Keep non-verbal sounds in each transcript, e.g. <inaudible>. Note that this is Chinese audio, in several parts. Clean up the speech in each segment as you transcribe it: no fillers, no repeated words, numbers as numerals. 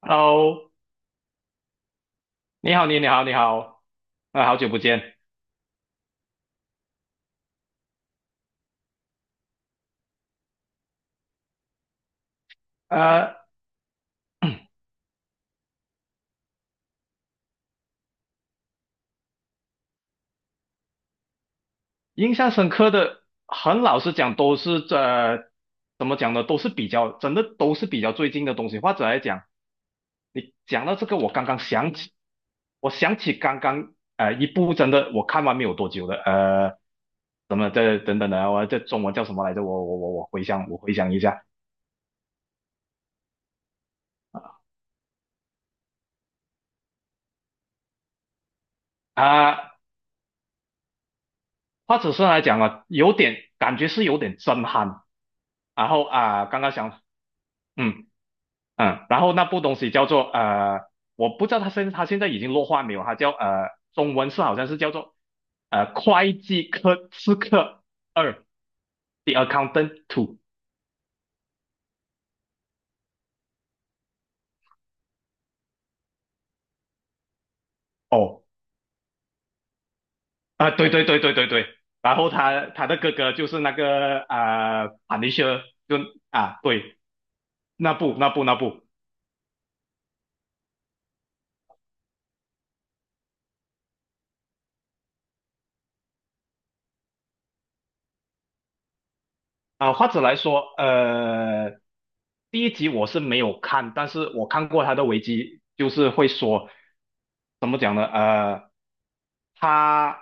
Hello，你好，你好你好，好久不见。呃，印象深刻的，很老实讲，都是这怎么讲呢，都是比较，真的都是比较最近的东西。或者来讲，你讲到这个，我刚刚想起，我想起刚刚一部真的我看完没有多久的，怎么这等等的，我这中文叫什么来着？我回想，我回想一下。啊、或者是来讲啊，有点感觉是有点震撼。然后刚刚想。嗯。嗯，然后那部东西叫做我不知道它现在已经落画没有，它叫中文是好像是叫做会计科刺客二，The Accountant 2。哦，啊，对对对对对对，然后他的哥哥就是那个PUNISHE 就啊对，那部。啊，或者来说，第一集我是没有看，但是我看过他的危基，就是会说怎么讲呢？他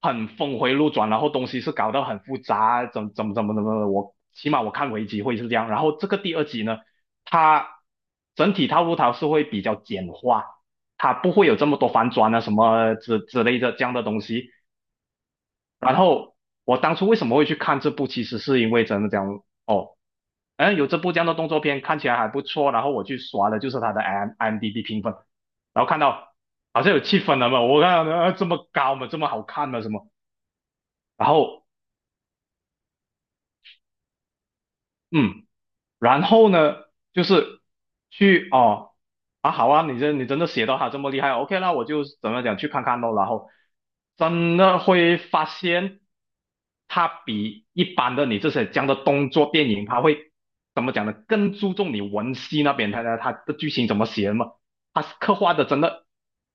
很峰回路转，然后东西是搞得很复杂，怎么的，我起码我看为集会是这样。然后这个第二集呢，它整体套路它是会比较简化，它不会有这么多反转啊什么之类的这样的东西。然后我当初为什么会去看这部，其实是因为真的讲哦，嗯，有这部这样的动作片看起来还不错，然后我去刷的就是它的 MMDB 评分，然后看到。好像有7分了嘛，我看到啊这么高嘛，<laughs> 这么好看嘛，什么？然后嗯，然后呢，就是去哦啊好啊，你真的写到他这么厉害，OK, 那我就怎么讲去看看咯，然后真的会发现他比一般的你这些这样的动作电影，他会怎么讲呢？更注重你文戏那边，他的剧情怎么写的嘛，他是刻画的真的，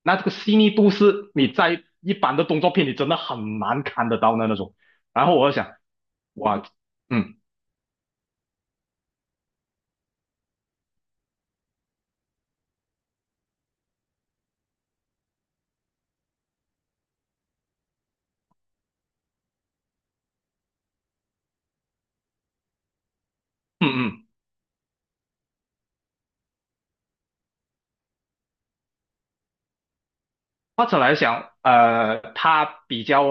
那这个细腻度是你在一般的动作片里真的很难看得到的那种。然后我就想，哇，嗯嗯嗯。或者来讲，呃，他比较，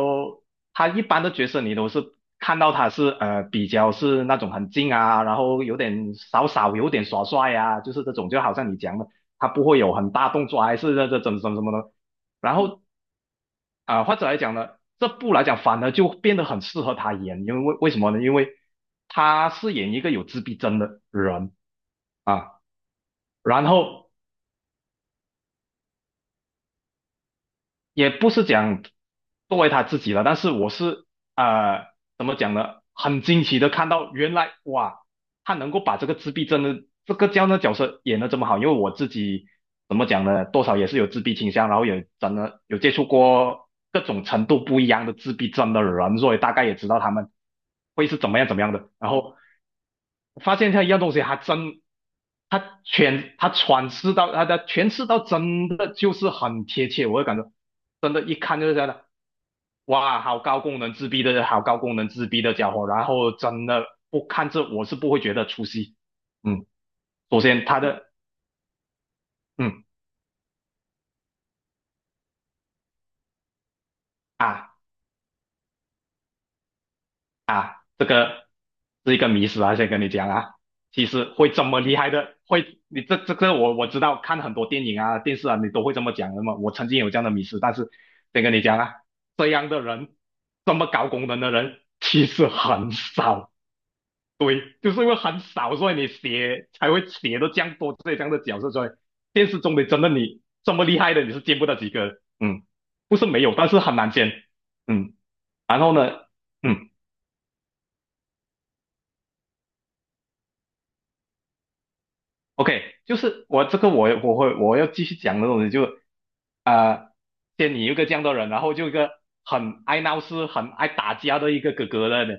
他一般的角色你都是看到他是比较是那种很静啊，然后有点少少有点耍帅啊，就是这种，就好像你讲的，他不会有很大动作啊还是那这怎么怎么什么的。然后或者来讲呢，这部来讲反而就变得很适合他演，因为为什么呢？因为他饰演一个有自闭症的人啊，然后也不是讲作为他自己了，但是我是呃怎么讲呢？很惊奇的看到原来哇，他能够把这个自闭症的这个这样的角色演的这么好，因为我自己怎么讲呢？多少也是有自闭倾向，然后也真的有接触过各种程度不一样的自闭症的人，所以大概也知道他们会是怎么样怎么样的。然后发现他一样东西，还真，他诠释到真的就是很贴切，我会感觉真的，一看就是这样的，哇，好高功能自闭的，好高功能自闭的家伙，然后真的不看这我是不会觉得出戏，嗯，首先他的嗯。啊。这个是一个迷思啊，先跟你讲啊，其实会这么厉害的，会你这个我知道，看很多电影啊、电视啊，你都会这么讲的嘛。我曾经有这样的迷思，但是先跟你讲啊，这样的人，这么高功能的人，其实很少。对，就是因为很少，所以你写才会写到这样多这样的角色，所以电视中的真的你这么厉害的，你是见不到几个，嗯，不是没有，但是很难见，嗯，然后呢，嗯。OK,就是我这个我我要继续讲的东西就，呃，先你一个这样的人，然后就一个很爱闹事、很爱打架的一个哥哥了呢，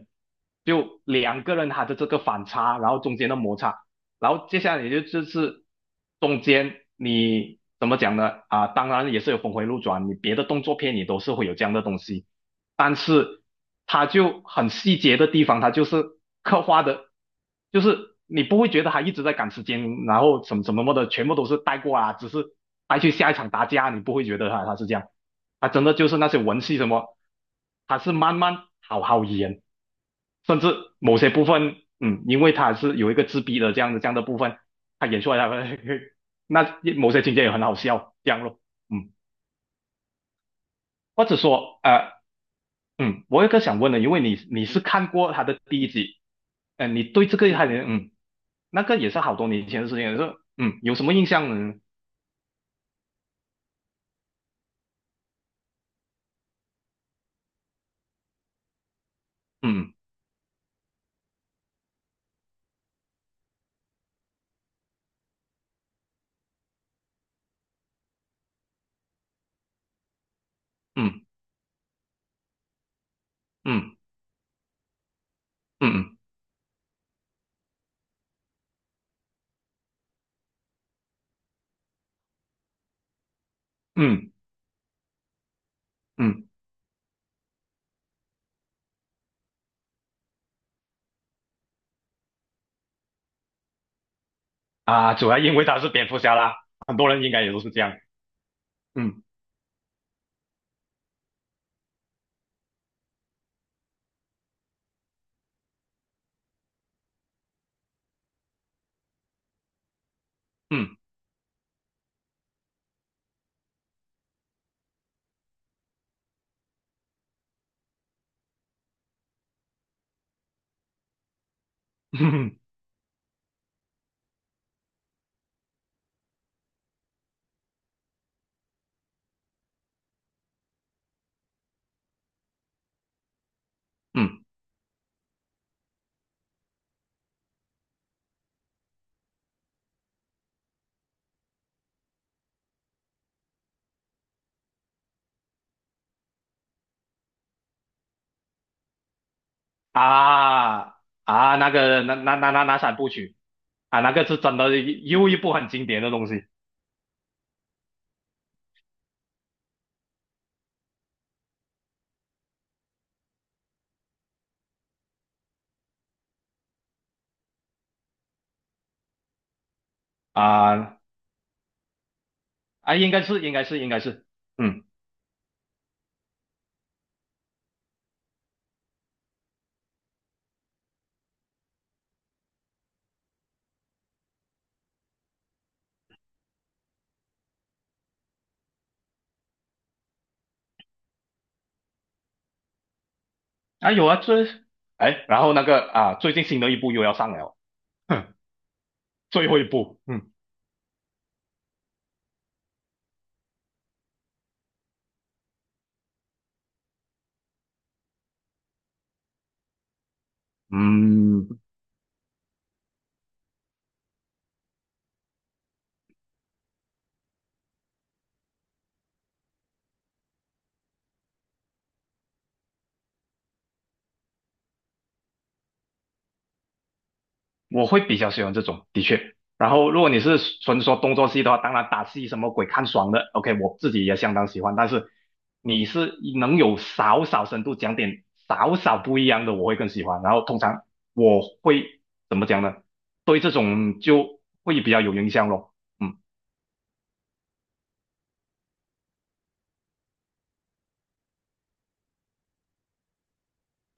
就两个人他的这个反差，然后中间的摩擦，然后接下来也就是中间你怎么讲呢？当然也是有峰回路转，你别的动作片你都是会有这样的东西，但是他就很细节的地方，他就是刻画的，就是你不会觉得他一直在赶时间，然后什么什么么的，全部都是带过啊，只是带去下一场打架，你不会觉得他是这样，他真的就是那些文戏什么，他是慢慢好好演，甚至某些部分，嗯，因为他是有一个自闭的这样的部分，他演出来他会 <laughs> 那某些情节也很好笑，这样咯。嗯，或者说，嗯，我有个想问的，因为你是看过他的第一集，你对这个还有嗯，那个也是好多年前的事情，是嗯，有什么印象呢？嗯嗯嗯嗯嗯嗯嗯啊，主要因为他是蝙蝠侠啦，很多人应该也都是这样，嗯嗯嗯嗯啊啊，那个那三部曲啊，那个是真的又一部很经典的东西啊啊，应该是，嗯。啊有啊，这哎，然后那个啊，最近新的一部又要上了，哼，最后一部，嗯嗯，我会比较喜欢这种，的确。然后如果你是纯说动作戏的话，当然打戏什么鬼看爽的，OK,我自己也相当喜欢。但是你是能有少少深度讲点少少不一样的，我会更喜欢。然后通常我会怎么讲呢？对这种就会比较有影响咯，嗯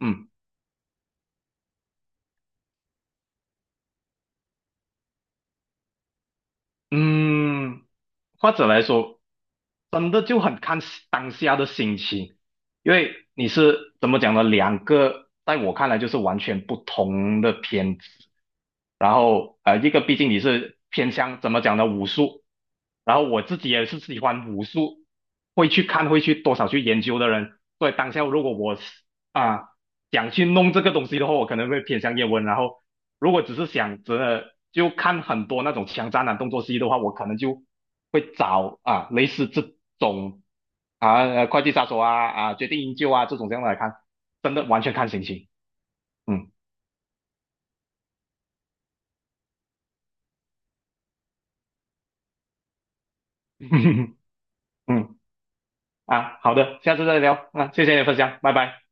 嗯。嗯，或者来说，真的就很看时当下的心情，因为你是怎么讲呢？两个在我看来就是完全不同的片子，然后一个毕竟你是偏向怎么讲呢，武术，然后我自己也是喜欢武术，会去看，会去多少去研究的人。所以当下如果我是啊想去弄这个东西的话，我可能会偏向叶问。然后如果只是想着就看很多那种枪战啊动作戏的话，我可能就会找啊类似这种啊快递杀手啊啊决定营救啊这种这样的来看，真的完全看心情。嗯 <laughs> 嗯啊，好的，下次再聊啊，谢谢你的分享，拜拜。